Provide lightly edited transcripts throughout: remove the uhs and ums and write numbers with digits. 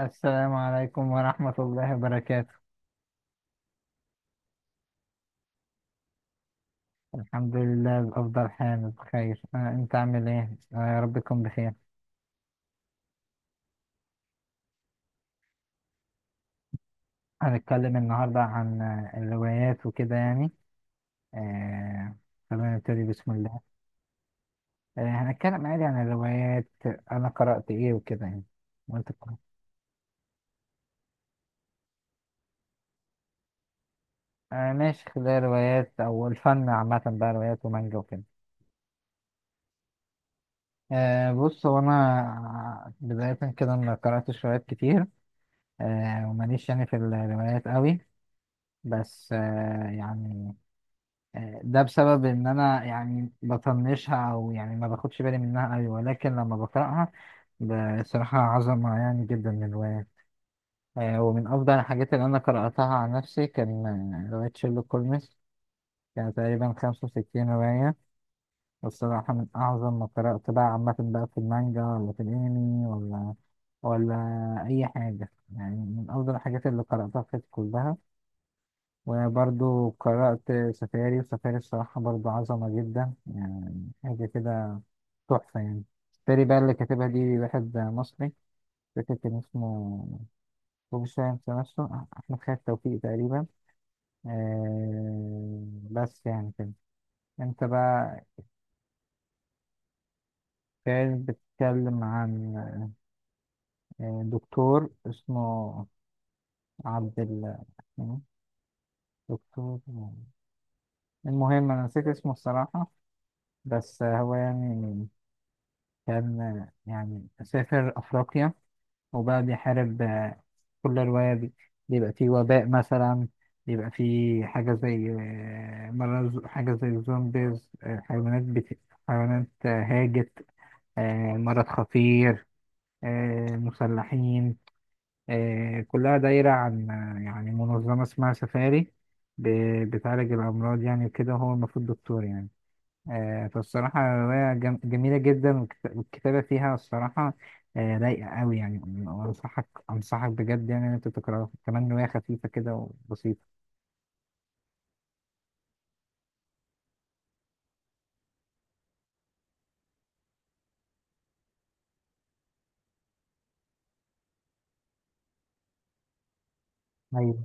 السلام عليكم ورحمة الله وبركاته. الحمد لله بأفضل حال بخير. أنت عامل إيه؟ يا رب تكون بخير. هنتكلم النهاردة عن الروايات وكده يعني. آه، خلينا نبتدي بسم الله. هنتكلم عادي عن الروايات، أنا قرأت إيه وكده يعني، وأنت قرأت؟ ماشي، خلال روايات أو الفن عامة بقى، روايات ومانجا وكده. بص، هو أنا بداية كده ما قرأتش روايات كتير. وماليش يعني في الروايات قوي، بس يعني ده بسبب ان انا يعني بطنشها او يعني ما باخدش بالي منها قوي، ولكن لما بقراها بصراحة عظمة يعني جدا من الرواية. ومن افضل الحاجات اللي انا قرأتها عن نفسي كان رواية شيرلوك هولمز، كان تقريبا 65 رواية، والصراحة من اعظم ما قرأت بقى عامة بقى في المانجا ولا في الانمي ولا ولا اي حاجة، يعني من افضل الحاجات اللي قرأتها في حياتي كلها. وبرضو قرأت سفاري، وسفاري الصراحة برضو عظمة جدا، يعني حاجة كده تحفة يعني. سفاري بقى اللي كاتبها دي واحد مصري، فاكر كان اسمه، هو مش فاهم نفسه، أحمد خالد توفيق تقريبا. آه، بس يعني كده. أنت بقى. كان بتتكلم عن دكتور اسمه عبد ال دكتور، المهم أنا نسيت اسمه الصراحة، بس هو يعني كان يعني سافر أفريقيا وبقى بيحارب كل رواية بيبقى فيه وباء مثلا، بيبقى فيه حاجة زي مرض، حاجة زي الزومبيز، حيوانات هاجت، مرض خطير، مسلحين. كلها دايرة عن يعني منظمة اسمها سفاري، بتعالج الأمراض يعني وكده، هو المفروض دكتور يعني. فالصراحة رواية جميلة جدا، والكتابة فيها الصراحة رايقة أوي يعني. وأنصحك بجد يعني إن أنت تقراها، كمان رواية خفيفة كده وبسيطة. أيوه،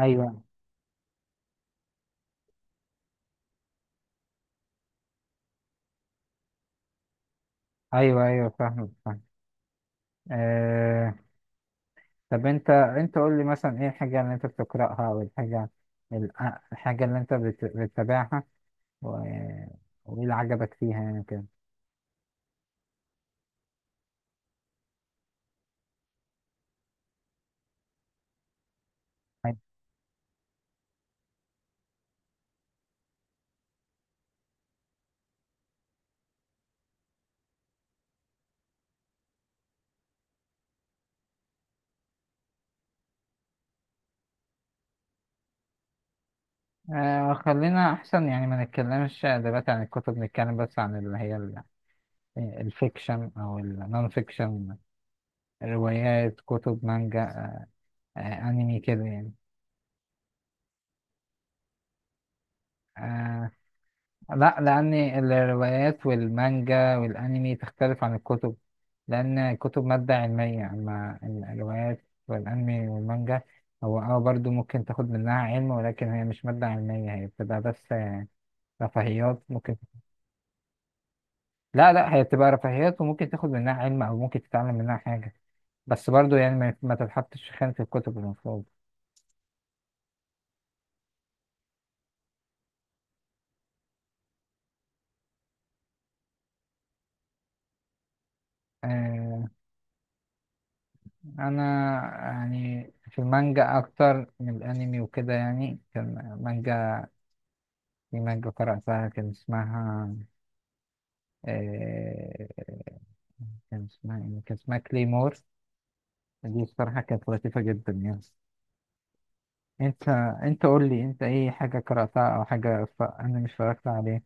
أيوه، أيوه، أيوه، فاهمك فاهم. أه، طب أنت قول لي مثلا إيه الحاجة اللي أنت بتقرأها أو الحاجة، ال- الحاجة اللي أنت بتتابعها، و- وإيه اللي عجبك فيها يعني كده؟ خلينا أحسن يعني ما نتكلمش دلوقتي عن الكتب، نتكلم بس عن اللي هي الفيكشن او النون فيكشن، روايات كتب مانجا آه، انمي كده يعني. آه، لا، لان الروايات والمانجا والانمي تختلف عن الكتب، لان الكتب مادة علمية، اما الروايات والانمي والمانجا هو اه برضو ممكن تاخد منها علم، ولكن هي مش مادة علمية، هي بتبقى بس رفاهيات ممكن. لا، لا، هي بتبقى رفاهيات وممكن تاخد منها علم او ممكن تتعلم منها حاجة، بس برضو يعني ما تتحطش في خانة الكتب المفروض. آه، انا يعني في المانجا اكتر من الانمي وكده يعني، كان مانجا، في مانجا قرأتها كان اسمها آه، كان اسمها إيه؟ كان اسمها كليمور. دي الصراحة كانت لطيفة جدا يعني. انت انت قول لي، انت ايه حاجة قرأتها او حاجة انا مش اتفرجت عليه،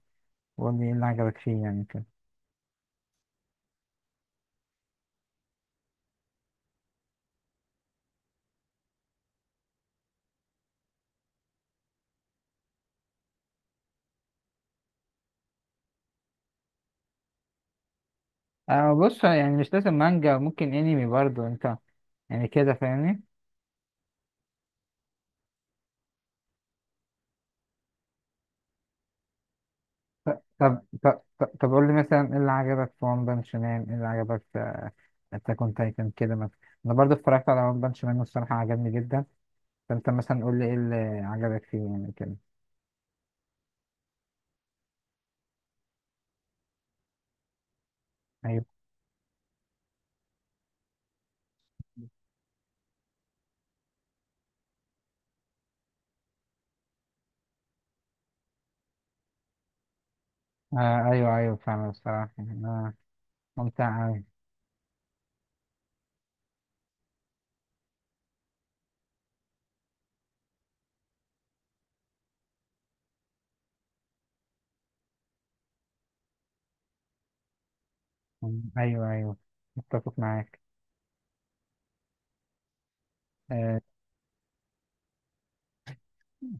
وقول لي ايه اللي عجبك فيه يعني كده. آه، بص يعني مش لازم مانجا، ممكن انمي برضو، انت يعني كده فاهمني. طب قول لي مثلا ايه اللي عجبك في ون بانش مان، ايه اللي عجبك، انت كنت كان كده مثلا. انا برضه اتفرجت على ون بانش مان والصراحه عجبني جدا، فانت مثلا قول لي ايه اللي عجبك فيه يعني كده. ايوه. آه، ايوه ايوه فعلا، الصراحه آه ممتع اوي. ايوه ايوه، متفق معاك. آه،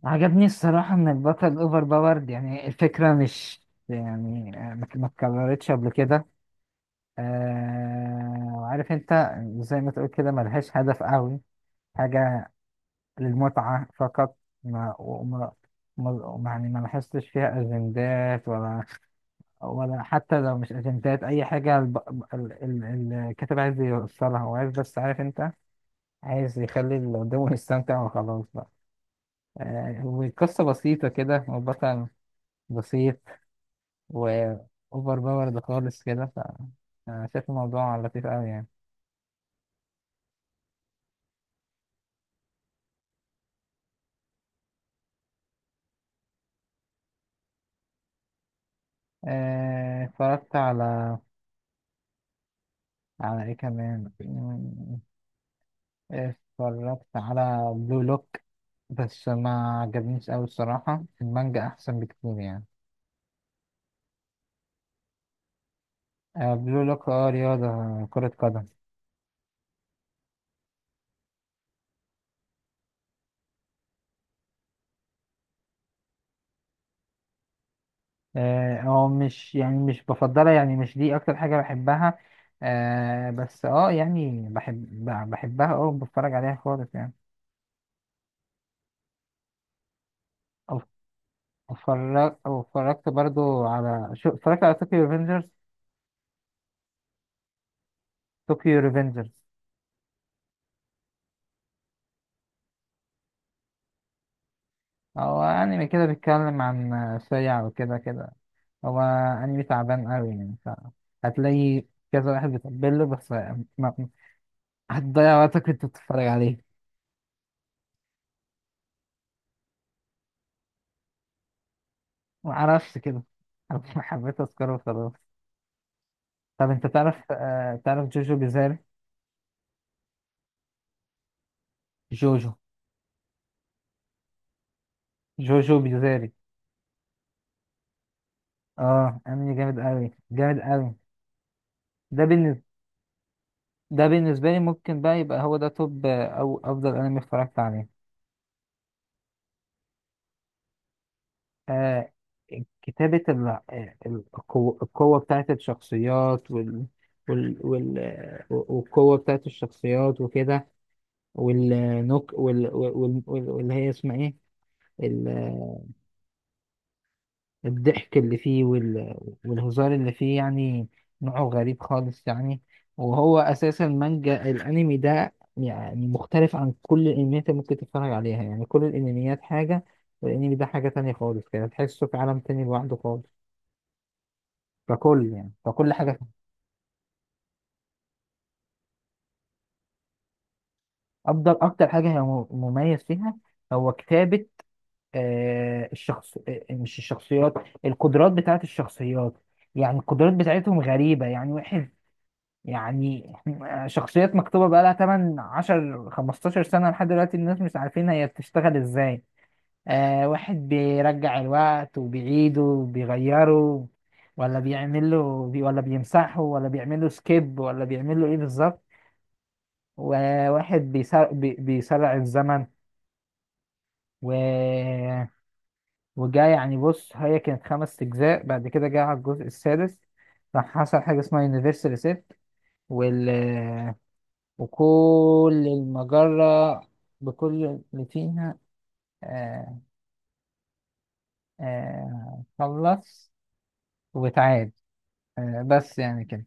عجبني الصراحه ان البطل اوفر باورد، يعني الفكره مش يعني ما اتكررتش قبل كده. آه، وعارف انت، زي ما تقول كده، ملهاش هدف قوي، حاجه للمتعة فقط. ما وما ما يعني ما لاحظتش فيها أجندات، ولا حتى لو مش أجندات أي حاجة، الكاتب عايز يوصلها، هو عايز بس عارف أنت، عايز يخلي اللي قدامه يستمتع وخلاص بقى. آه، والقصة بسيطة كده، والبطل بسيط، وأوفر باورد خالص كده، ف أنا شايف الموضوع لطيف أوي يعني. اتفرجت على، على إيه كمان، اتفرجت على بلو لوك، بس ما عجبنيش أوي الصراحة، المانجا أحسن بكتير يعني. آه، بلو لوك، اه رياضة، كرة قدم. اه، هو مش يعني، مش بفضلها يعني، مش دي أكتر حاجة بحبها، بس اه يعني بحبها اه، بتفرج عليها خالص يعني. اتفرجت برضو على شو، اتفرجت على طوكيو ريفنجرز. طوكيو ريفنجرز، هو أنمي كده بيتكلم عن سريع وكده، كده هو انمي تعبان قوي يعني، ف هتلاقي كذا واحد بيتقبل له، بس ما... هتضيع وقتك وانت بتتفرج عليه. معرفش كده، أنا حبيت اذكره وخلاص. طب انت تعرف تعرف جوجو بيزاري؟ جوجو جوجو بيزاري، اه انمي جامد قوي، جامد قوي. ده بالنسبة ده بالنسبة لي ممكن بقى يبقى هو ده توب او افضل انمي اتفرجت عليه. آه، كتابة القوة بتاعت الشخصيات، وال وال وال والقوة بتاعت الشخصيات وكده، واللي هي اسمها ايه، ال- آه، الضحك اللي فيه والهزار اللي فيه يعني، نوعه غريب خالص يعني. وهو أساسا مانجا، الأنمي ده يعني مختلف عن كل الأنميات اللي ممكن تتفرج عليها يعني، كل الأنميات حاجة والأنمي ده حاجة تانية خالص كده، تحسه في عالم تاني لوحده خالص ككل يعني، ككل حاجة فيها. أفضل أكتر حاجة هي مميز فيها، هو كتابة الشخص مش الشخصيات، القدرات بتاعت الشخصيات، يعني القدرات بتاعتهم غريبة يعني واحد يعني، شخصيات مكتوبة بقى لها 8 10 15 سنة لحد دلوقتي الناس مش عارفين هي بتشتغل ازاي. آه، واحد بيرجع الوقت وبيعيده وبيغيره، ولا بيعمل له بي، ولا بيمسحه، ولا بيعمل له سكيب، ولا بيعمل له ايه بالظبط. وواحد بيسرع الزمن و... وجا يعني بص، هي كانت 5 أجزاء بعد كده جه على الجزء السادس، راح حصل حاجة اسمها يونيفرسال ريسيت، وال... وكل المجرة بكل اللي فيها آه، خلص وتعاد. بس يعني كده.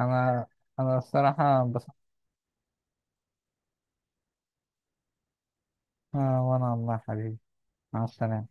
أنا أنا الصراحة انبسطت. وأنا والله يا حبيبي، مع السلامة.